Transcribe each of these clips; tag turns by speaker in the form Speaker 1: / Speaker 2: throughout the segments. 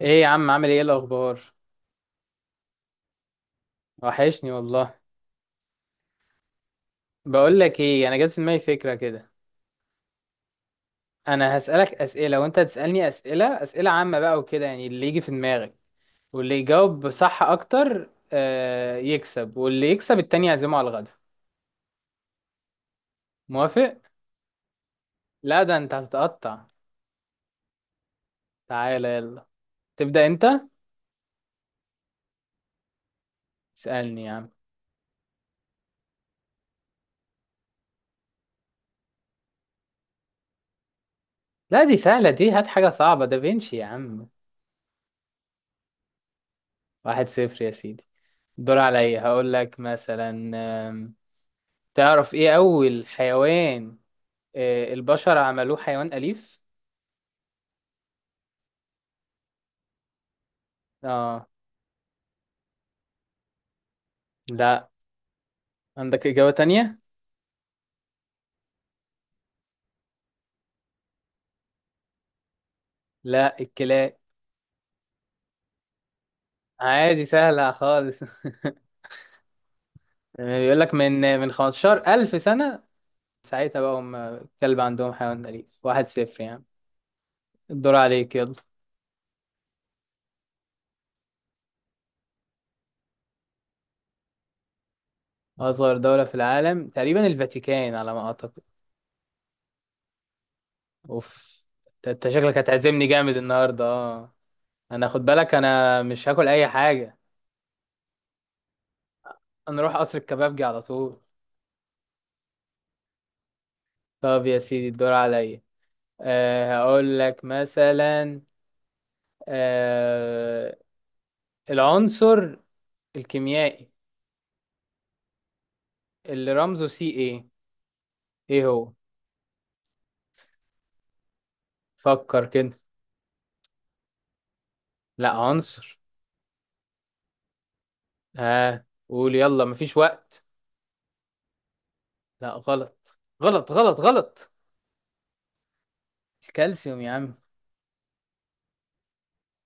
Speaker 1: ايه يا عم، عامل ايه؟ الاخبار وحشني والله. بقول لك ايه، انا جت في دماغي فكره كده. انا هسالك اسئله وانت هتسالني اسئله، اسئله عامه بقى وكده يعني اللي يجي في دماغك. واللي يجاوب صح اكتر يكسب، واللي يكسب التاني يعزمه على الغدا. موافق؟ لا ده انت هتتقطع. تعالى يلا. تبدا انت. اسالني يا عم. لا دي سهله، دي هات حاجه صعبه. دافينشي يا عم. واحد صفر يا سيدي. الدور عليا، هقول لك مثلا. آم، تعرف ايه اول حيوان البشر عملوه حيوان أليف؟ اه. لا. عندك إجابة تانية؟ لا الكلاب. عادي سهلة خالص. بيقول لك من 15,000 سنة، ساعتها بقى هم الكلب عندهم حيوان أليف. واحد صفر يعني. الدور عليك يلا. أصغر دولة في العالم تقريبا الفاتيكان، على ما أعتقد. أوف. أنت شكلك هتعزمني جامد النهاردة اه؟ أنا خد بالك، أنا مش هاكل أي حاجة. أنا أروح قصر الكبابجي على طول. طب يا سيدي، الدور عليا. هقول لك مثلا. آه العنصر الكيميائي اللي رمزه سي ايه، ايه هو؟ فكر كده. لا عنصر. ها؟ قول يلا، مفيش وقت. لا، غلط غلط غلط غلط. الكالسيوم يا عم.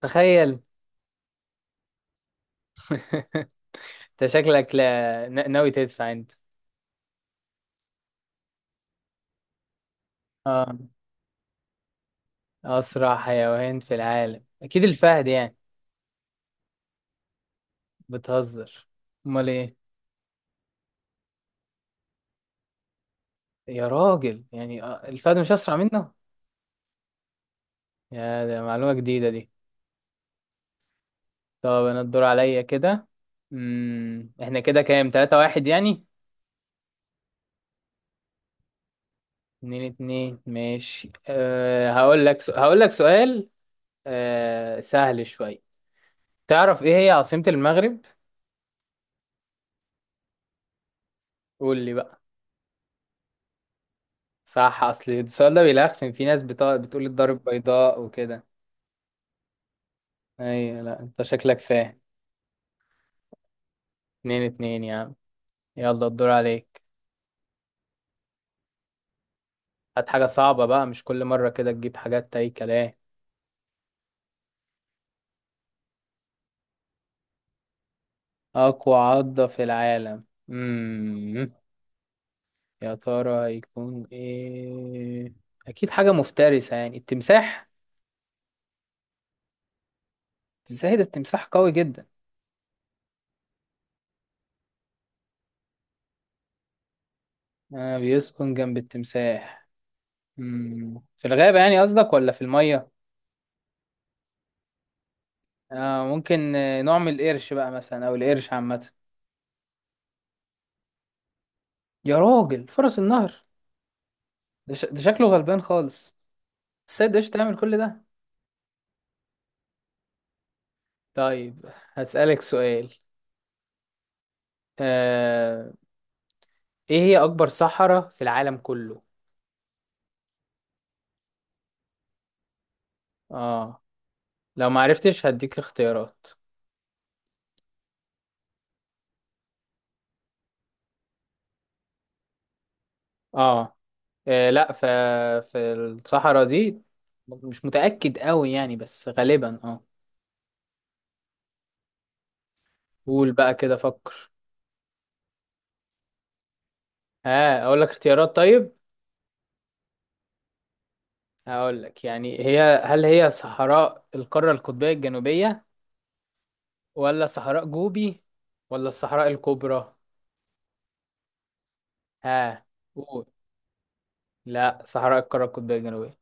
Speaker 1: تخيل. انت شكلك، لا ن- ناوي تدفع انت. اه اسرع حيوان في العالم، اكيد الفهد يعني. بتهزر. امال ايه؟ يا راجل يعني الفهد مش اسرع منه. يا، ده معلومة جديدة دي. طب انا الدور عليا كده. احنا كده كام، تلاتة واحد يعني؟ اتنين اتنين ماشي. هقول لك هقول لك سؤال. سهل شوية. تعرف ايه هي عاصمة المغرب؟ قول لي بقى. صح. اصل السؤال ده بيلخفن، في ناس بتقول الدار البيضاء وكده. ايوه، لا انت شكلك فاهم. اتنين اتنين يا عم. يلا الدور عليك. هات حاجة صعبة بقى، مش كل مرة كده تجيب حاجات اي كلام. اقوى عضة في العالم. امم يا ترى يكون ايه؟ اكيد حاجة مفترسة يعني، التمساح. ازاي ده التمساح قوي جدا. آه بيسكن جنب التمساح. في الغابة يعني قصدك ولا في المية؟ آه ممكن نوع من القرش بقى مثلا، او القرش عامة. يا راجل فرس النهر. ده شكله غلبان خالص. السيد ايش تعمل كل ده. طيب، هسألك سؤال. آه ايه هي اكبر صحراء في العالم كله؟ اه لو معرفتش هديك اختيارات. اه. آه لا ف... في الصحراء دي، مش متأكد قوي يعني بس غالبا اه. قول بقى كده فكر. ها اقول لك اختيارات طيب. هقول لك يعني، هي هل هي صحراء القارة القطبية الجنوبية، ولا صحراء جوبي، ولا الصحراء الكبرى؟ ها قول. لا صحراء القارة القطبية الجنوبية.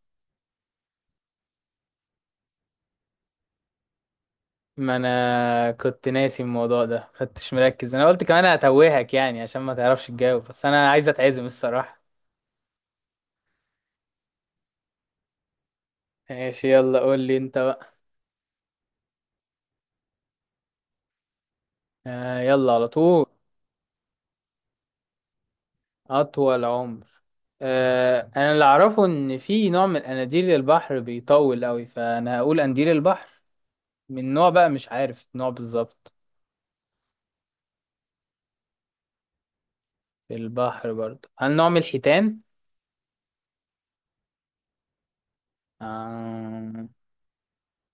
Speaker 1: ما انا كنت ناسي الموضوع ده، خدتش مركز. انا قلت كمان هتوهك يعني عشان ما تعرفش تجاوب، بس انا عايز اتعزم الصراحة. ماشي يلا قول لي انت. يلا على طول. أطول عمر. أنا اللي أعرفه إن في نوع من أناديل البحر بيطول أوي، فأنا هقول أنديل البحر، من نوع بقى مش عارف النوع بالظبط. في البحر برضه، هل نوع من الحيتان؟ آه.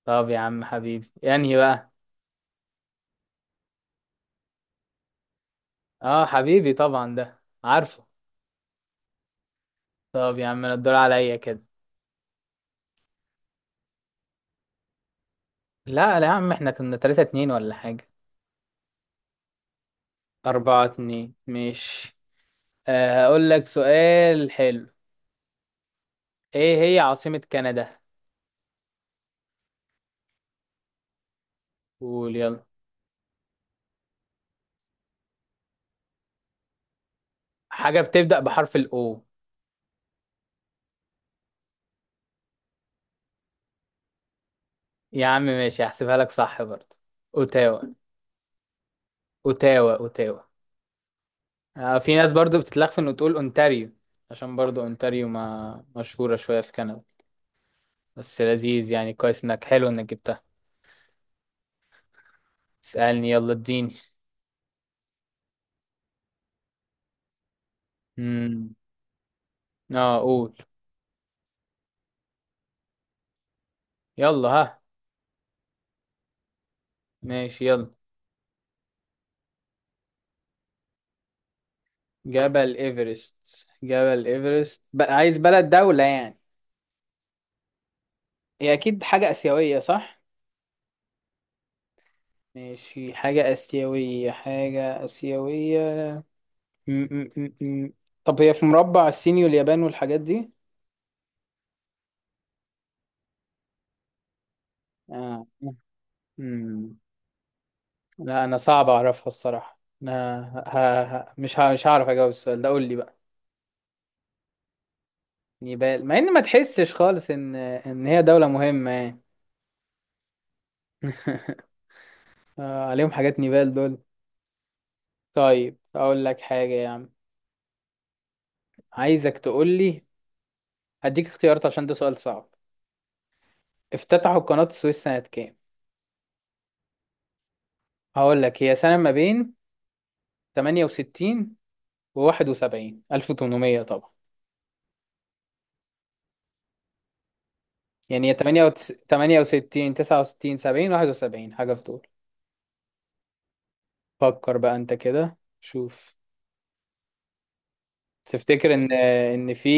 Speaker 1: طب يا عم حبيبي يعني بقى. آه حبيبي طبعا ده عارفه. طب يا عم أنا الدور عليا كده. لا لا يا عم احنا كنا تلاتة اتنين ولا حاجة. أربعة اتنين مش. هقول لك سؤال حلو. إيه هي عاصمة كندا؟ قول يلا. حاجة بتبدأ بحرف الأو. يا عم ماشي، هحسبها لك صح برضه. أوتاوا أوتاوا أوتاوا. في ناس برضه بتتلخفن إنه تقول أونتاريو، عشان برضه أونتاريو ما مشهورة شوية في كندا. بس لذيذ يعني، كويس إنك، حلو إنك جبتها. اسألني يلا اديني. امم اه قول يلا ها. ماشي يلا. جبل إيفرست، جبل إيفرست بقى عايز بلد دولة يعني. هي أكيد حاجة آسيوية صح؟ ماشي حاجة آسيوية حاجة آسيوية. م- م- م- م. طب هي في مربع الصيني واليابان والحاجات دي. آه. مم. لا انا صعب اعرفها الصراحة انا، مش هعرف اجاوب السؤال ده. قول لي بقى. نيبال، مع ان ما تحسش خالص ان هي دولة مهمة يعني. عليهم حاجات نيبال دول. طيب اقول لك حاجة يا عم، عايزك تقول لي، هديك اختيارات عشان ده سؤال صعب. افتتحوا قناة السويس سنة كام؟ هقول لك هي سنة ما بين 68 و 71، 1800 طبعا. يعني هي 68 69 70 71، حاجة في دول. فكر بقى انت كده شوف. تفتكر ان في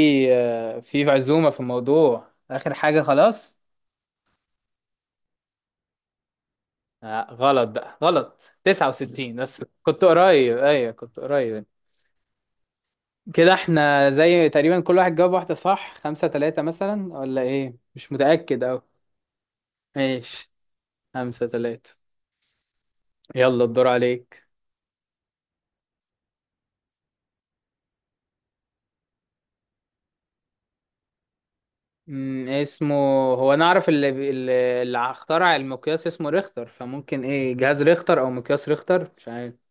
Speaker 1: في عزومة في الموضوع، اخر حاجة خلاص. آه غلط بقى غلط، 69. بس كنت قريب، ايوه كنت قريب. كده احنا زي تقريبا كل واحد جاب واحدة صح، خمسة تلاتة مثلا ولا ايه، مش متأكد اوي. ماشي خمسة تلاتة. يلا الدور عليك. اسمه، هو انا اعرف اللي اخترع المقياس اسمه ريختر، فممكن ايه جهاز ريختر او مقياس ريختر، مش عارف.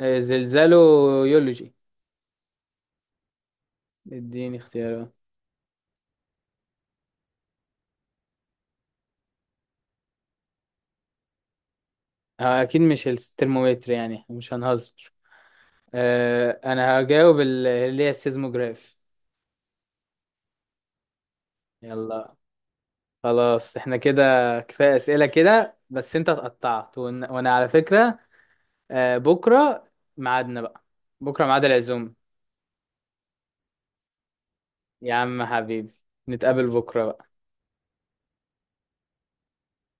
Speaker 1: زلزاله يولوجي. اديني اختيارات. اكيد مش الترمومتر يعني، مش هنهزر. انا هجاوب اللي هي السيزموجراف. يلا. خلاص احنا كده، كفايه اسئله كده، بس انت اتقطعت وانا على فكره. بكره ميعادنا بقى، بكره ميعاد العزوم. يا عم حبيبي، نتقابل بكره بقى.